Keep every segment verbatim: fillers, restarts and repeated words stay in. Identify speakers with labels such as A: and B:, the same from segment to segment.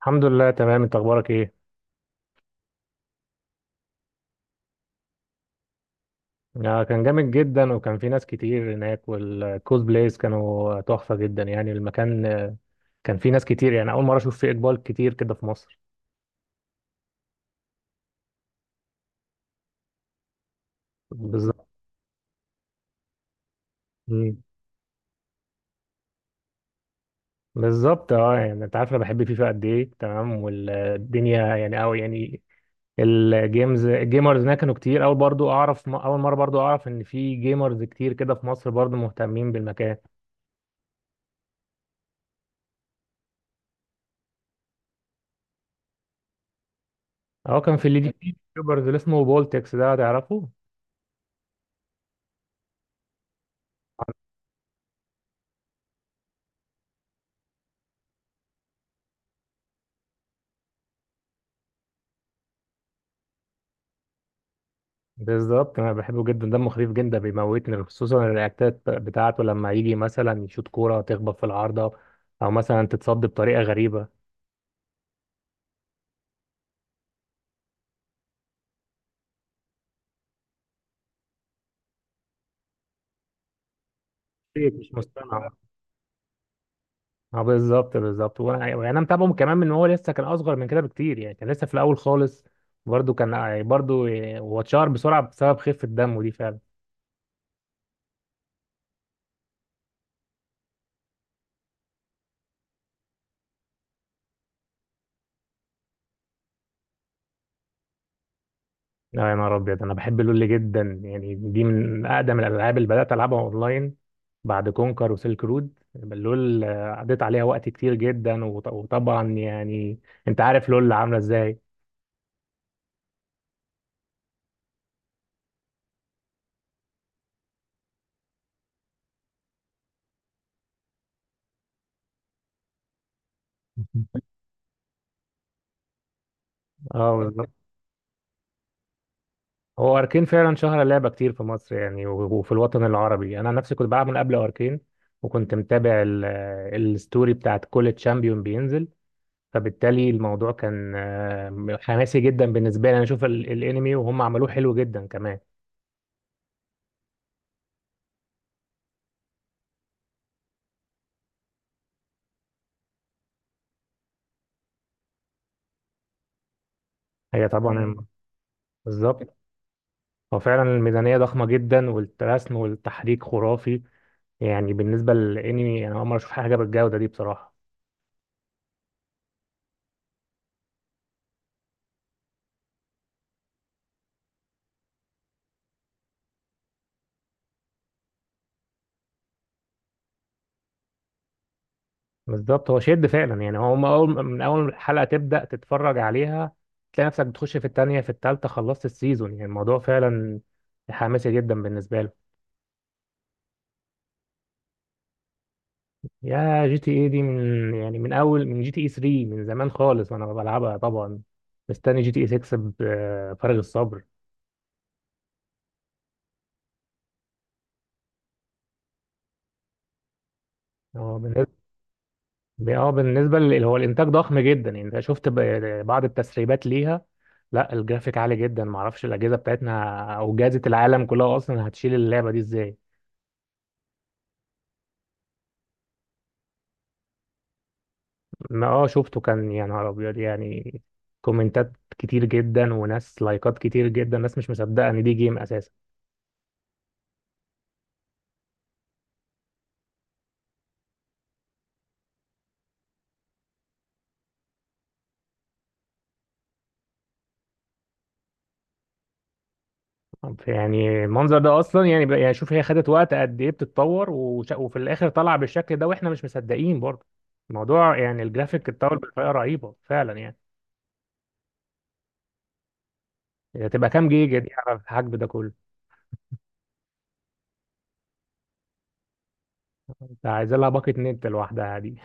A: الحمد لله تمام، انت اخبارك ايه؟ آه، كان جامد جدا، وكان في ناس كتير هناك، والكوز بلايز كانوا تحفة جدا. يعني المكان آه، كان في ناس كتير. يعني اول مرة اشوف فيه اقبال كتير كده في مصر. بالظبط. مم. بالظبط. اه يعني انت عارف انا بحب فيفا قد ايه، تمام؟ والدنيا يعني، او يعني الجيمز الجيمرز هناك كانوا كتير. اول برضو اعرف، اول مرة برضو اعرف ان في جيمرز كتير كده في مصر برضو مهتمين بالمكان. اه كان في اللي دي يوتيوبرز اللي اسمه بولتكس ده، تعرفه؟ بالظبط انا بحبه جدا، دمه خفيف جدا، بيموتني خصوصا الرياكتات بتاعته لما يجي مثلا يشوط كوره تخبط في العارضه، او مثلا تتصد بطريقه غريبه. شيء مش مصطنع. اه بالظبط بالظبط. وانا يعني انا متابعه كمان من هو لسه كان اصغر من كده بكتير. يعني كان لسه في الاول خالص، برضه كان آه، برضه هو اتشهر بسرعه بسبب خفه دمه دي فعلا. لا يا نهار ابيض، انا بحب لول جدا. يعني دي من اقدم الالعاب اللي بدات العبها اونلاين بعد كونكر وسيلك رود. لول آه، قضيت عليها وقت كتير جدا، وط- وطبعا يعني انت عارف لول عامله ازاي. اه بالظبط. هو اركين فعلا شهر لعبه كتير في مصر يعني، و- وفي الوطن العربي. انا نفسي كنت بلعب من قبل اركين، وكنت متابع ال- آه، الستوري بتاعت كل تشامبيون بينزل. فبالتالي الموضوع كان آه، حماسي جدا بالنسبه لي. انا اشوف ال- الانمي وهم عملوه حلو جدا كمان. هي طبعا. مم. بالظبط. هو فعلا الميزانية ضخمة جدا، والرسم والتحريك خرافي. يعني بالنسبة للانمي، انا اول مرة اشوف حاجة بالجودة دي بصراحة. بالظبط هو شد فعلا. يعني هو من اول، من اول حلقة تبدأ تتفرج عليها، تلاقي نفسك بتخش في التانية في التالتة، خلصت السيزون. يعني الموضوع فعلا حماسي جدا بالنسبة له. يا جي تي اي دي، من يعني من اول، من جي تي اي تلاتة، من زمان خالص وانا بلعبها طبعا. مستني جي تي اي ستة بفارغ الصبر. هو اه بالنسبه لل- هو الانتاج ضخم جدا. يعني انت شفت ب- بعض التسريبات ليها؟ لا الجرافيك عالي جدا، معرفش الاجهزه بتاعتنا او جهازه العالم كلها اصلا هتشيل اللعبه دي ازاي. ما اه شفته، كان يا نهار ابيض يعني. كومنتات كتير جدا، وناس لايكات كتير جدا. ناس مش مصدقه ان دي جيم اساسا. طب يعني المنظر ده اصلا يعني بقى- يعني شوف، هي خدت وقت قد ايه بتتطور، وش- وفي الاخر طلع بالشكل ده، واحنا مش مصدقين برضه الموضوع. يعني الجرافيك اتطور بطريقه رهيبه فعلا يعني. هي تبقى كام جيجا دي على الحجم ده كله؟ انت عايز لها باقة نت لوحدها دي.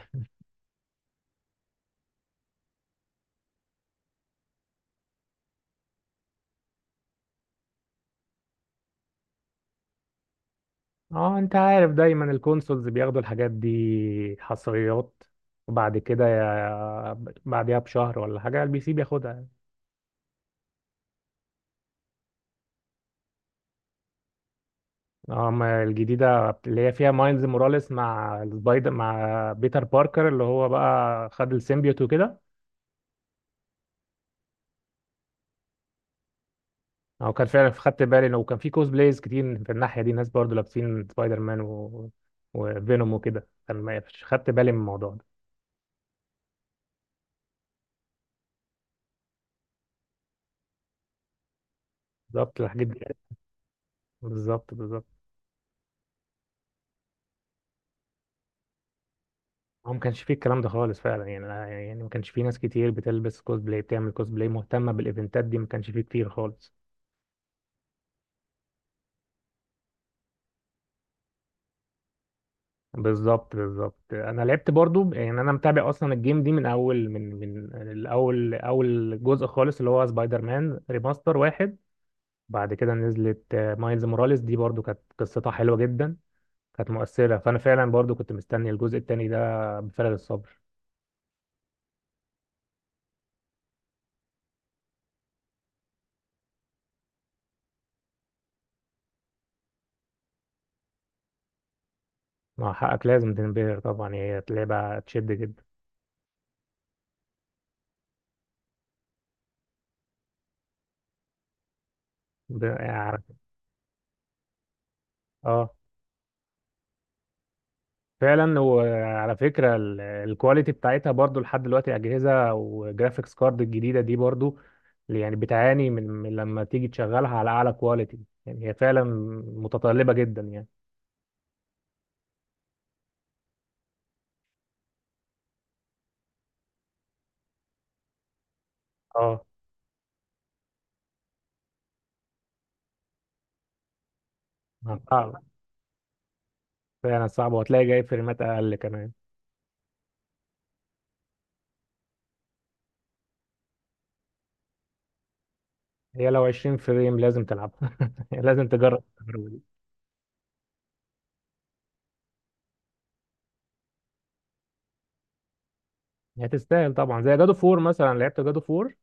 A: اه انت عارف دايما الكونسولز بياخدوا الحاجات دي حصريات، وبعد كده يا- بعديها بشهر ولا حاجة البي سي بياخدها. اه ما الجديدة اللي هي فيها مايلز موراليس مع السبايدر، مع بيتر باركر، اللي هو بقى خد السيمبيوت وكده. او كان فعلا خدت بالي انه كان في كوز بلايز كتير في الناحية دي، ناس برضه لابسين سبايدر مان و... وفينوم وكده. كان ما خدت بالي من الموضوع ده. بالظبط الحاجات دي. بالظبط بالظبط. هو ما كانش فيه الكلام ده خالص فعلا. يعني أنا- يعني ما كانش فيه ناس كتير بتلبس كوسبلاي، بتعمل كوسبلاي، مهتمه بالايفنتات دي. ما كانش فيه كتير خالص. بالظبط بالظبط. انا لعبت برضو. يعني انا متابع اصلا الجيم دي من اول، من من الاول، اول جزء خالص اللي هو سبايدر مان ريماستر واحد. بعد كده نزلت آه، مايلز موراليس دي، برضو كانت قصتها حلوه جدا، كانت مؤثره. فانا فعلا برضو كنت مستني الجزء التاني ده بفارغ الصبر. مع حقك لازم تنبهر طبعا، هي لعبه تشد جدا. ب- يعني اه فعلا. وعلى فكرة ال- الكواليتي بتاعتها برضو لحد دلوقتي، أجهزة وجرافيكس كارد الجديدة دي برضو يعني بتعاني من من لما تيجي تشغلها على أعلى كواليتي. يعني هي فعلا متطلبة جدا يعني. اه صعب، فعلا صعب، وهتلاقي جاي فريمات أقل كمان. هي لو عشرين فريم لازم تلعبها، لازم تجرب التجربة دي. هتستاهل طبعا. زي جادو فور مثلا، لعبت جادو فور؟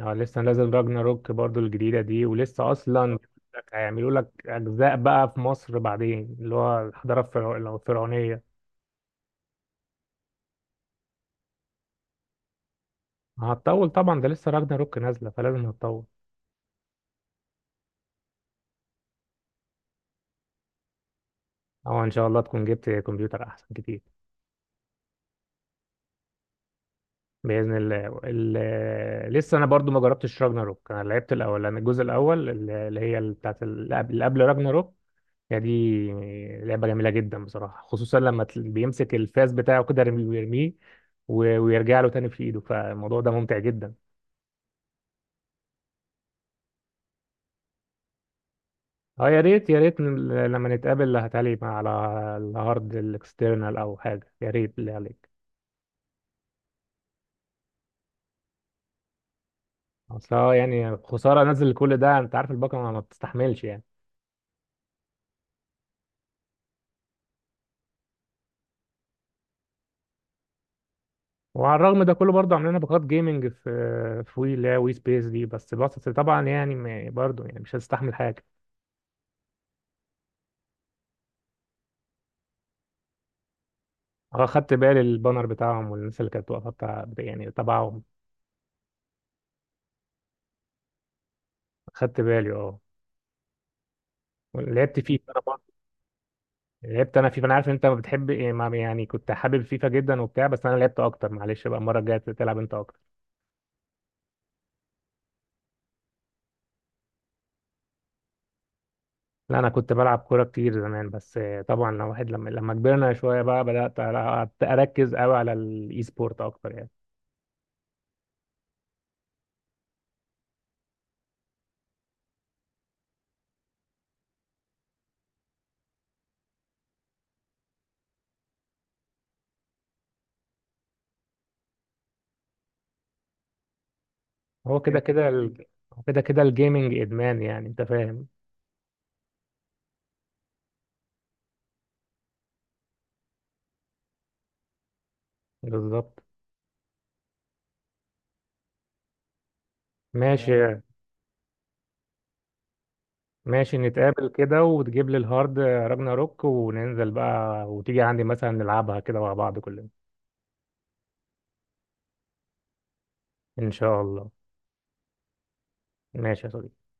A: اه لسه نازل راجنا روك برضو الجديدة دي، ولسه أصلا هيعملوا لك أجزاء بقى في مصر بعدين، اللي هو الحضارة الفرع- الفرعونية. هتطول طبعا، ده لسه راجنا روك نازلة، فلازم هتطول. أو إن شاء الله تكون جبت كمبيوتر أحسن كتير. بإذن الله. ال- لسه أنا برضو ما جربتش راجنا روك. أنا لعبت الأول، أنا الجزء الأول، اللي اللي هي بتاعت اللي قبل، اللي قبل راجنا روك هي دي. لعبة جميلة جدا بصراحة، خصوصا لما تل- بيمسك الفاس بتاعه كده، رم- ويرميه و- ويرجع له تاني في ايده. فالموضوع ده ممتع جدا. اه يا ريت يا ريت، ن- لما نتقابل هتعلي على الهارد الاكسترنال او حاجة، يا ريت اللي عليك. اصل اه يعني خسارة انزل كل ده، انت عارف الباقة ما ما بتستحملش يعني. وعلى الرغم ده كله، برضه عاملين باقات جيمنج في في وي، اللي هي وي سبيس دي. بس بس طبعا يعني ما- برضه يعني مش هتستحمل حاجة. اه خدت بالي البانر بتاعهم، والناس اللي كانت واقفه بتاع يعني تبعهم. خدت بالي اه. لعبت فيفا انا برضه، لعبت انا فيفا. انا عارف ان انت ما بتحب إيه، ما- يعني كنت حابب فيفا جدا وبتاع، بس انا لعبت اكتر. معلش بقى المره الجايه تلعب انت اكتر. لا انا كنت بلعب كوره كتير زمان، بس آه، طبعا لو واحد لما لما كبرنا شويه بقى، بدات ألع- اركز قوي على الاي سبورت اكتر يعني. هو كده كده ال... هو كده كده الجيمنج ادمان، يعني انت فاهم. بالظبط. آه، ماشي. ماشي نتقابل كده، وتجيب لي الهارد راجنا روك، وننزل بقى وتيجي عندي مثلا نلعبها كده مع بعض كلنا. ان شاء الله. ماشي يا صديقي.